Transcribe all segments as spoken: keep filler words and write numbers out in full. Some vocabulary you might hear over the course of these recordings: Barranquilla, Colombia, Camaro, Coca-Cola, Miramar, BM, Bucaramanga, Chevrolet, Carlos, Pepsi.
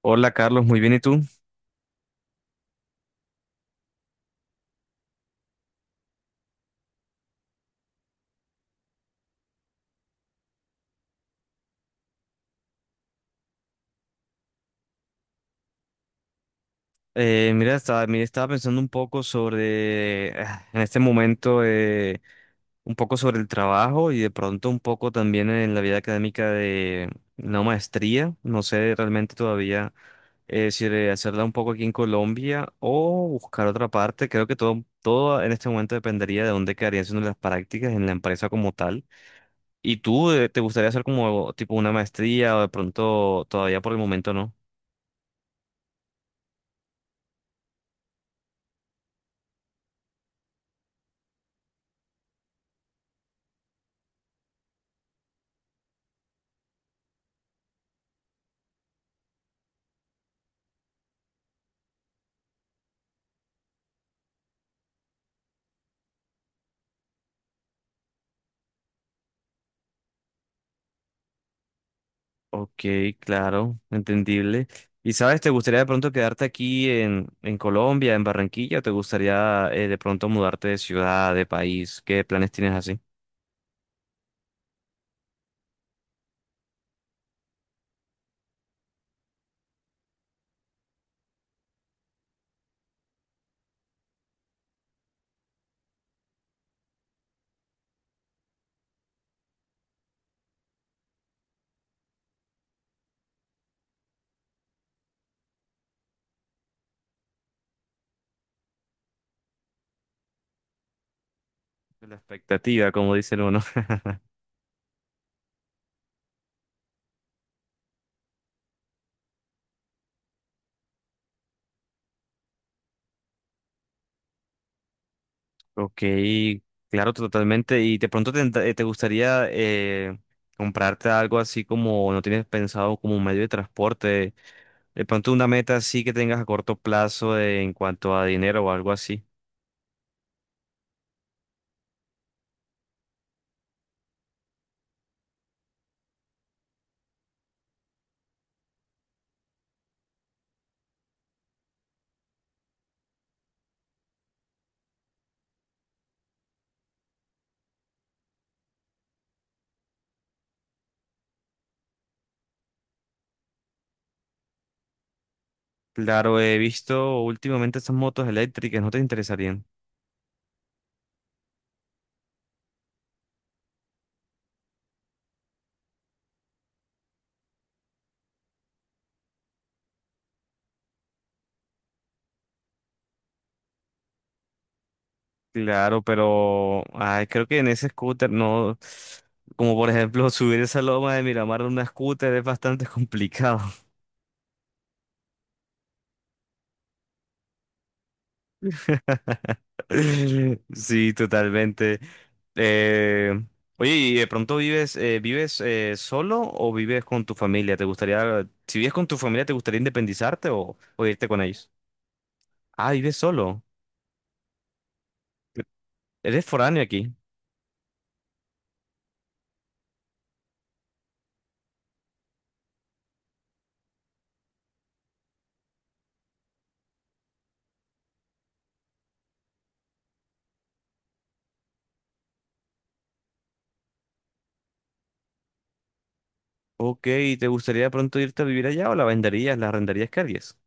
Hola Carlos, muy bien, ¿y tú? Eh, mira, estaba, mira, estaba pensando un poco sobre, ah, en este momento, eh, un poco sobre el trabajo y de pronto un poco también en la vida académica de una maestría. No sé realmente todavía eh, si de hacerla un poco aquí en Colombia o buscar otra parte. Creo que todo, todo en este momento dependería de dónde quedarían siendo las prácticas en la empresa como tal. ¿Y tú eh, te gustaría hacer como tipo una maestría o de pronto todavía por el momento no? Ok, claro, entendible. ¿Y sabes, te gustaría de pronto quedarte aquí en, en Colombia, en Barranquilla, o te gustaría eh, de pronto mudarte de ciudad, de país? ¿Qué planes tienes así? La expectativa, como dice uno. Ok, claro, totalmente. ¿Y de pronto te, te gustaría eh, comprarte algo así como no tienes pensado como un medio de transporte? De pronto una meta así que tengas a corto plazo en cuanto a dinero o algo así. Claro, he visto últimamente esas motos eléctricas, ¿no te interesarían? Claro, pero ay, creo que en ese scooter no, como por ejemplo subir esa loma de Miramar en una scooter es bastante complicado. Sí, totalmente. Eh, oye, ¿y de pronto vives, eh, vives eh, solo o vives con tu familia? ¿Te gustaría, si vives con tu familia, te gustaría independizarte o, o irte con ellos? Ah, vives solo. Eres foráneo aquí. Ok, ¿y te gustaría de pronto irte a vivir allá o la venderías, la arrendarías? ¿Qué harías?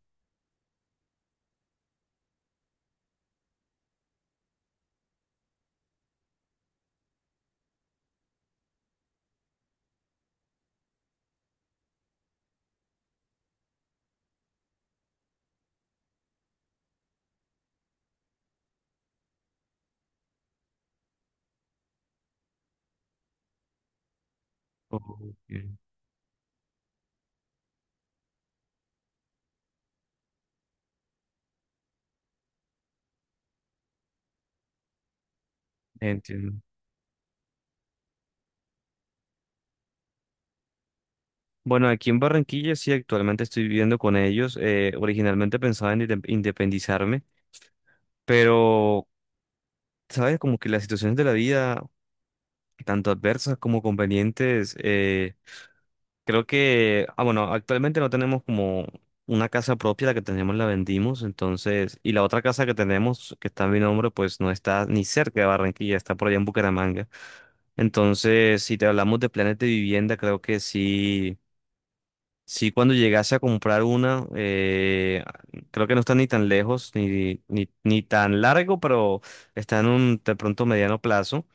Ok, entiendo. Bueno, aquí en Barranquilla sí, actualmente estoy viviendo con ellos. Eh, originalmente pensaba en inde- independizarme, pero, ¿sabes? Como que las situaciones de la vida, tanto adversas como convenientes, eh, creo que, ah, bueno, actualmente no tenemos como una casa propia, la que tenemos la vendimos, entonces, y la otra casa que tenemos, que está a mi nombre, pues no está ni cerca de Barranquilla, está por allá en Bucaramanga. Entonces, si te hablamos de planes de vivienda, creo que sí, sí cuando llegase a comprar una, eh, creo que no está ni tan lejos, ni, ni, ni tan largo, pero está en un de pronto mediano plazo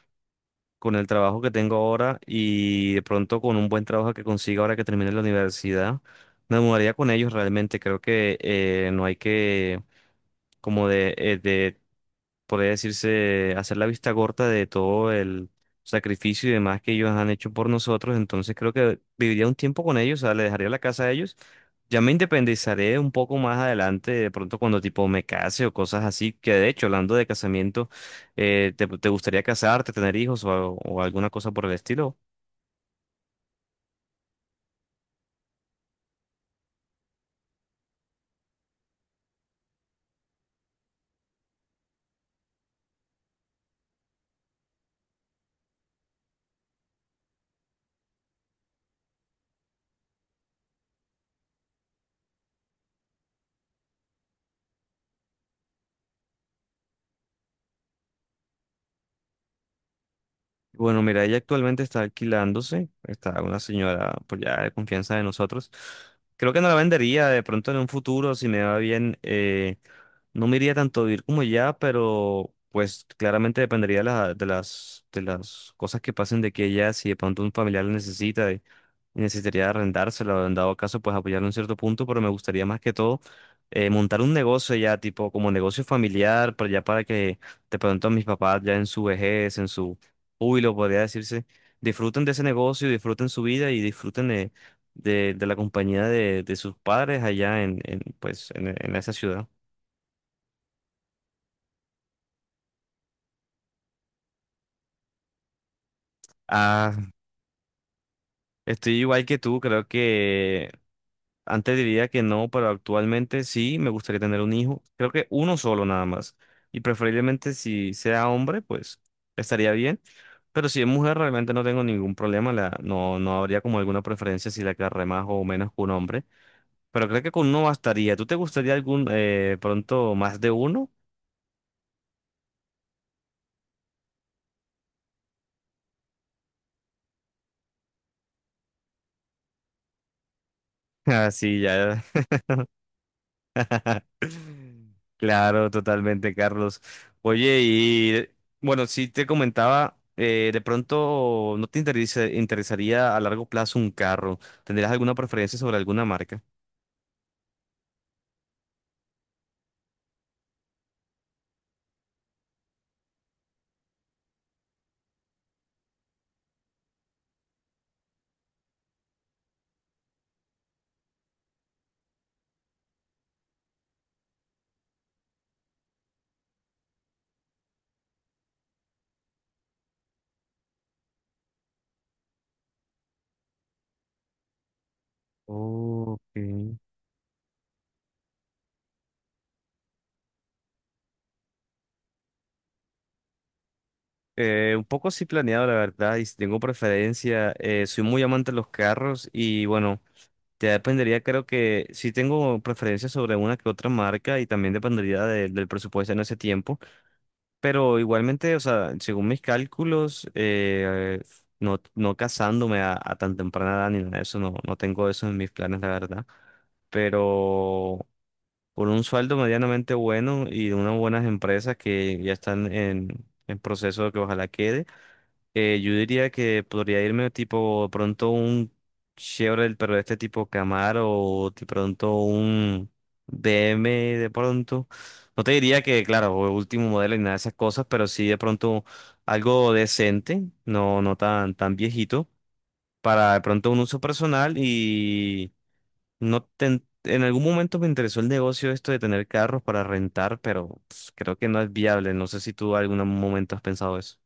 con el trabajo que tengo ahora y de pronto con un buen trabajo que consiga ahora que termine la universidad. Me mudaría con ellos realmente, creo que eh, no hay que como de, eh, de podría decirse, hacer la vista corta de todo el sacrificio y demás que ellos han hecho por nosotros. Entonces creo que viviría un tiempo con ellos, o sea, le dejaría la casa a ellos. Ya me independizaré un poco más adelante, de pronto cuando tipo me case o cosas así, que de hecho, hablando de casamiento, eh, ¿te, te gustaría casarte, tener hijos o, o alguna cosa por el estilo? Bueno, mira, ella actualmente está alquilándose, está una señora pues ya de confianza de nosotros. Creo que no la vendería de pronto en un futuro, si me va bien, eh, no me iría tanto a vivir como ya, pero pues claramente dependería de, la- de las, de las cosas que pasen de que ella, si de pronto un familiar la necesita y y necesitaría arrendársela, o en dado caso pues apoyarlo en cierto punto, pero me gustaría más que todo eh, montar un negocio ya, tipo como negocio familiar, pero ya para que de pronto mis papás ya en su vejez, en su Uy, lo podría decirse. Disfruten de ese negocio, disfruten su vida y disfruten de, de, de la compañía de, de sus padres allá en, en, pues, en, en esa ciudad. Ah, estoy igual que tú, creo que antes diría que no, pero actualmente sí, me gustaría tener un hijo. Creo que uno solo nada más. Y preferiblemente si sea hombre, pues estaría bien. Pero si es mujer, realmente no tengo ningún problema. La, no, no habría como alguna preferencia si la agarré más o menos que un hombre. Pero creo que con uno bastaría. ¿Tú te gustaría algún eh, pronto más de uno? Ah, sí, ya. Claro, totalmente, Carlos. Oye, y bueno, sí te comentaba, eh, de pronto no te interesa- interesaría a largo plazo un carro. ¿Tendrías alguna preferencia sobre alguna marca? Ok. Eh, un poco sí planeado, la verdad, y si tengo preferencia. eh, soy muy amante de los carros y bueno. Ya dependería, creo que sí tengo preferencia sobre una que otra marca y también dependería de- del presupuesto en ese tiempo, pero igualmente, o sea, según mis cálculos, eh, no, no casándome a, a tan temprana edad ni nada de eso, no, no tengo eso en mis planes, la verdad, pero con un sueldo medianamente bueno y de unas buenas empresas que ya están en, en proceso de que ojalá quede. Eh, yo diría que podría irme tipo de pronto un Chevrolet, pero de este tipo Camaro o de pronto un B M de pronto. No te diría que, claro, último modelo y nada de esas cosas, pero sí de pronto algo decente, no, no tan, tan viejito, para de pronto un uso personal y no ten- en algún momento me interesó el negocio esto de tener carros para rentar, pero pues, creo que no es viable. No sé si tú en algún momento has pensado eso.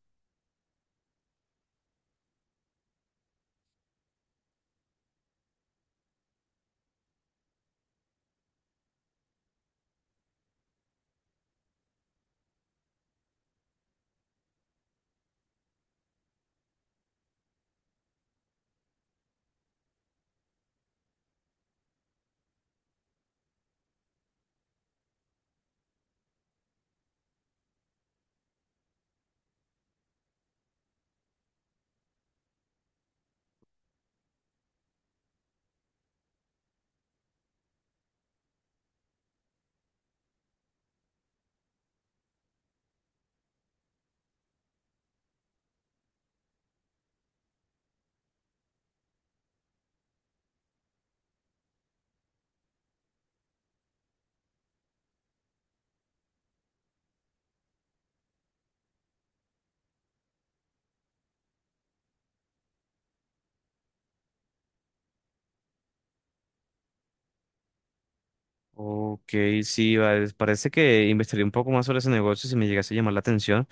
Ok, sí, vale. Parece que investigué un poco más sobre ese negocio si me llegase a llamar la atención.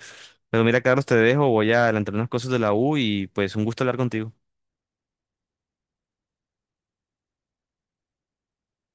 Pero mira, Carlos, te dejo, voy a adelantar unas cosas de la U y pues un gusto hablar contigo.